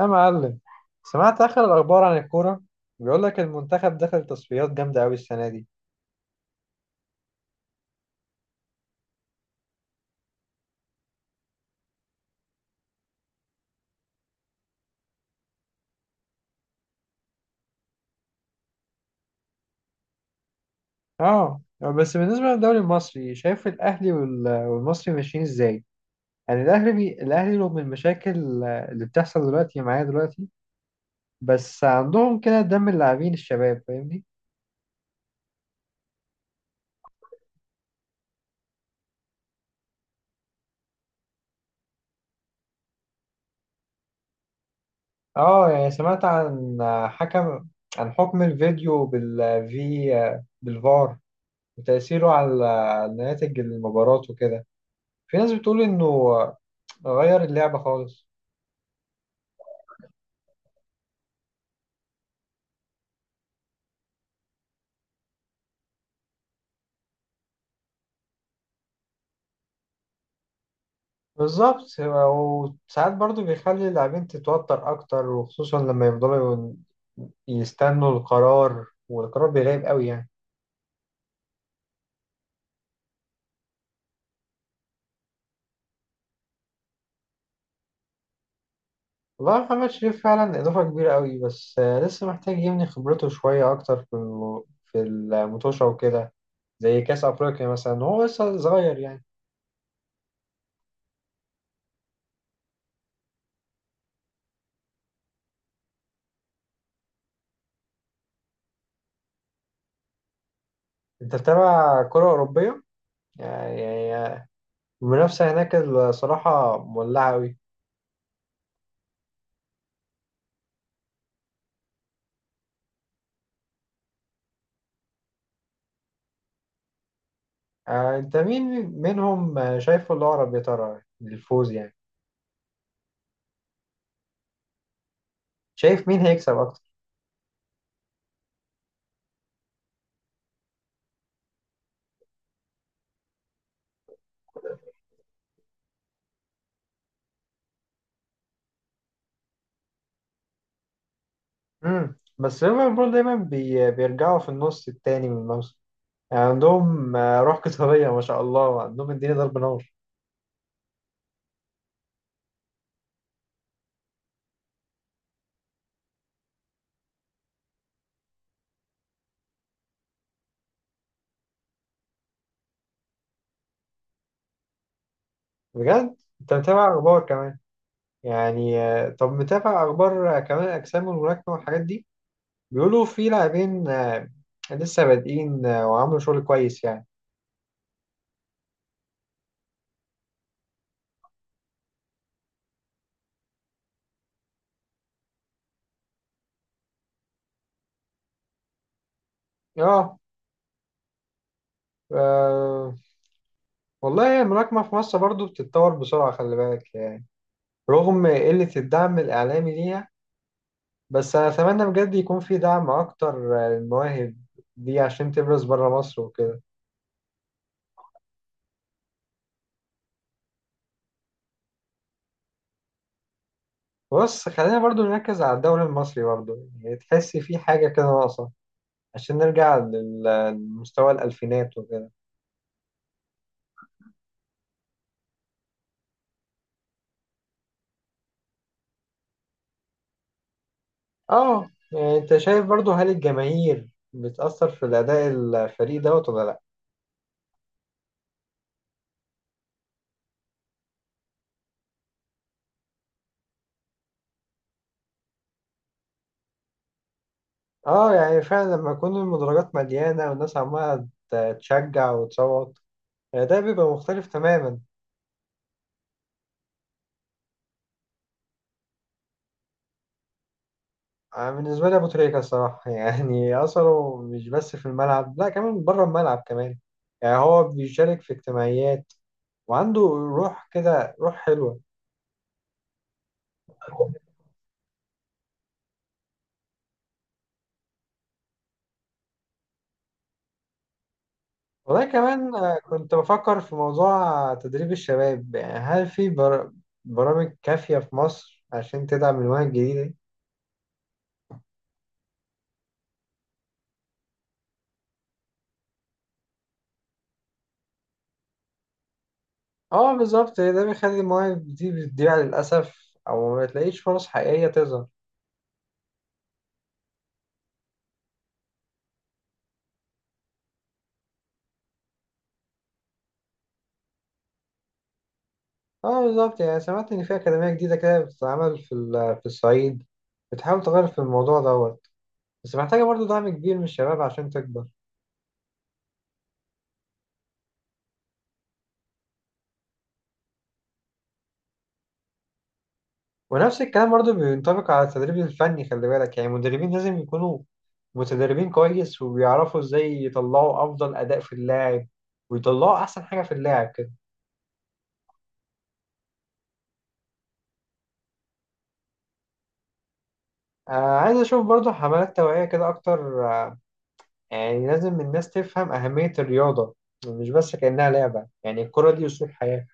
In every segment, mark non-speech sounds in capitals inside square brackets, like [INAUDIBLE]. يا معلم، سمعت آخر الأخبار عن الكورة. بيقول لك المنتخب دخل تصفيات جامدة أوي السنة دي. اه، بس بالنسبة للدوري المصري شايف الأهلي والمصري ماشيين إزاي؟ يعني الأهلي الأهلي رغم المشاكل اللي بتحصل دلوقتي معايا دلوقتي، بس عندهم كده دم اللاعبين الشباب، فاهمني؟ اه، يعني سمعت حكم عن حكم الفيديو بالفار وتأثيره على نتائج المباراة وكده. في ناس بتقول إنه غير اللعبة خالص. بالظبط، وساعات برضو بيخلي اللاعبين تتوتر أكتر، وخصوصا لما يفضلوا يستنوا القرار والقرار بيغيب قوي يعني. والله محمد شريف فعلا إضافة كبيرة قوي، بس لسه محتاج يبني خبرته شوية أكتر في في المطوشة وكده، زي كأس أفريقيا مثلا. هو لسه صغير يعني. أنت بتتابع كرة أوروبية؟ يعني المنافسة هناك الصراحة مولعة قوي. انت مين منهم شايفه الأقرب يا ترى للفوز يعني؟ شايف مين هيكسب أكتر؟ بس ليفربول دايما بيرجعوا في النص التاني من الموسم، يعني عندهم روح قتالية ما شاء الله، عندهم الدنيا ضرب نار. بجد؟ انت متابع أخبار كمان يعني؟ طب متابع أخبار كمان أجسام الملاكمة والحاجات دي؟ بيقولوا في لاعبين لسه بادئين وعملوا شغل كويس يعني. اه. آه، والله الملاكمة في مصر برضو بتتطور بسرعة، خلي بالك، رغم قلة الدعم الإعلامي ليها. بس أنا أتمنى بجد يكون في دعم أكتر للمواهب دي عشان تبرز بره مصر وكده. بص، خلينا برضو نركز على الدوري المصري برضو. يعني تحس في حاجة كده ناقصة عشان نرجع لمستوى الألفينات وكده. اه، يعني أنت شايف برضو هل الجماهير بتأثر في الأداء الفريق دوت ولا لأ؟ اه، يعني فعلا لما يكون المدرجات مليانة والناس عمالة تشجع وتصوت، يعني ده بيبقى مختلف تماما. أنا بالنسبة لي أبو تريكة الصراحة [LAUGHS] يعني أثره مش بس في الملعب، لا كمان بره الملعب كمان. يعني هو بيشارك في اجتماعيات، وعنده روح كده، روح حلوة. والله كمان كنت بفكر في موضوع تدريب الشباب. يعني هل في برامج كافية في مصر عشان تدعم المواهب الجديدة؟ اه بالظبط، ده بيخلي المواهب دي بتضيع للأسف أو ما تلاقيش فرص حقيقية تظهر. اه بالظبط، يعني سمعت ان في اكاديميه جديده كده بتتعمل في الصعيد، بتحاول تغير في الموضوع دوت، بس محتاجه برضه دعم كبير من الشباب عشان تكبر. ونفس الكلام برضه بينطبق على التدريب الفني، خلي بالك. يعني المدربين لازم يكونوا متدربين كويس وبيعرفوا ازاي يطلعوا افضل اداء في اللاعب، ويطلعوا احسن حاجه في اللاعب كده. آه. عايز اشوف برضه حملات توعيه كده اكتر، يعني لازم الناس تفهم اهميه الرياضه، مش بس كانها لعبه. يعني الكره دي اسلوب حياه.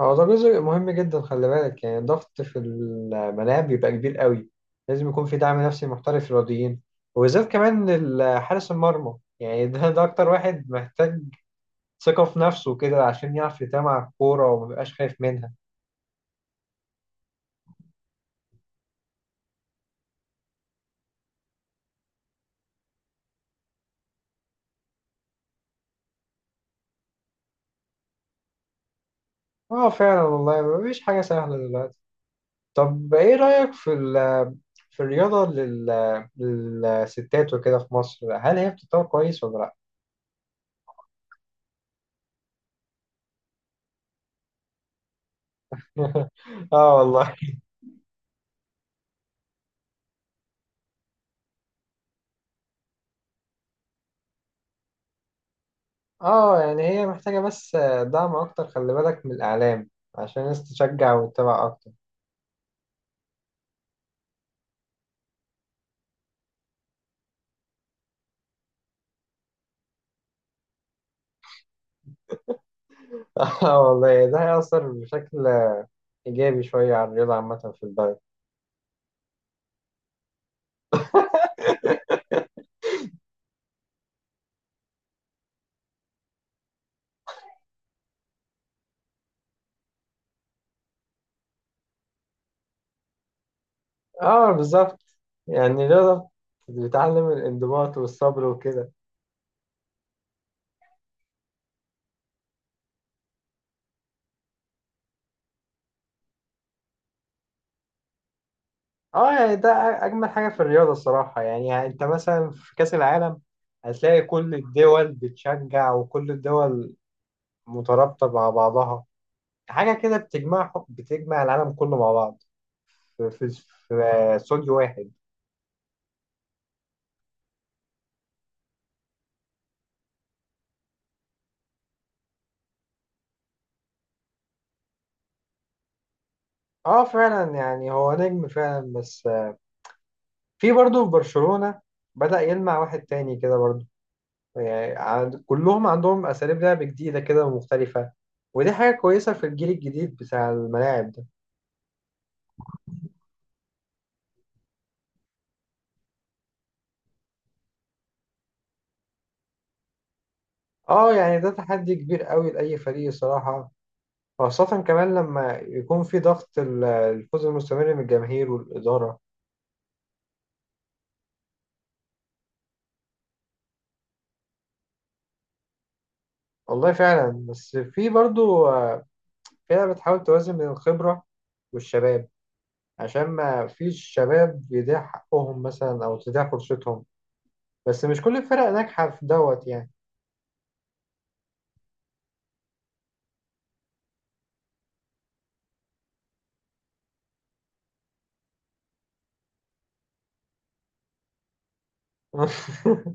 هو ده جزء مهم جدا، خلي بالك. يعني الضغط في الملاعب بيبقى كبير قوي، لازم يكون في دعم نفسي محترف للرياضيين، وبالذات كمان حارس المرمى. يعني ده أكتر واحد محتاج ثقة في نفسه كده، عشان يعرف يتابع على الكورة ومبيبقاش خايف منها. اه فعلا والله، مفيش حاجة سهلة دلوقتي. طب ايه رأيك في الرياضة للستات وكده في مصر، هل هي بتتطور كويس ولا لأ؟ [LAUGHS] اه والله. اه يعني هي محتاجة بس دعم أكتر، خلي بالك، من الإعلام، عشان الناس تشجع وتتابع أكتر. [LAUGHS] اه والله، ده هيأثر بشكل إيجابي شوية على الرياضة عامة في البلد. اه بالظبط، يعني الرياضة بتعلم الانضباط والصبر وكده. اه يعني ده أجمل حاجة في الرياضة الصراحة. يعني أنت مثلا في كأس العالم هتلاقي كل الدول بتشجع، وكل الدول مترابطة مع بعضها، حاجة كده بتجمع العالم كله مع بعض في في في استوديو واحد. اه فعلا، يعني هو نجم فعلا، بس في برضه في برشلونة بدأ يلمع واحد تاني كده برضه. يعني كلهم عندهم أساليب لعب جديدة كده ومختلفة، ودي حاجة كويسة في الجيل الجديد بتاع الملاعب ده. اه يعني ده تحدي كبير قوي لأي فريق الصراحة، خاصة كمان لما يكون في ضغط الفوز المستمر من الجماهير والإدارة. والله فعلا، بس في برضه فرقة بتحاول توازن بين الخبرة والشباب، عشان ما فيش شباب يضيع حقهم مثلا او تضيع فرصتهم، بس مش كل الفرق ناجحة في دوت يعني. [LAUGHS]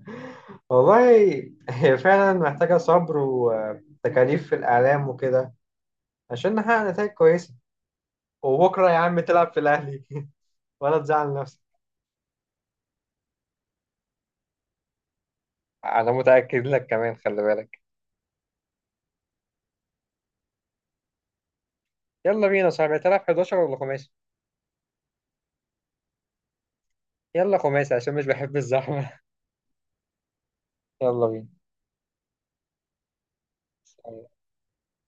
والله هي فعلا محتاجة صبر وتكاليف في الإعلام وكده عشان نحقق نتائج كويسة. وبكرة يا عم تلعب في الأهلي [LAUGHS] ولا تزعل نفسك. انا متاكد لك كمان، خلي بالك. يلا بينا يا صاحبي، تلعب 11 ولا خماسي؟ يلا خماسي، عشان مش بحب الزحمه. [LAUGHS] يلا بينا.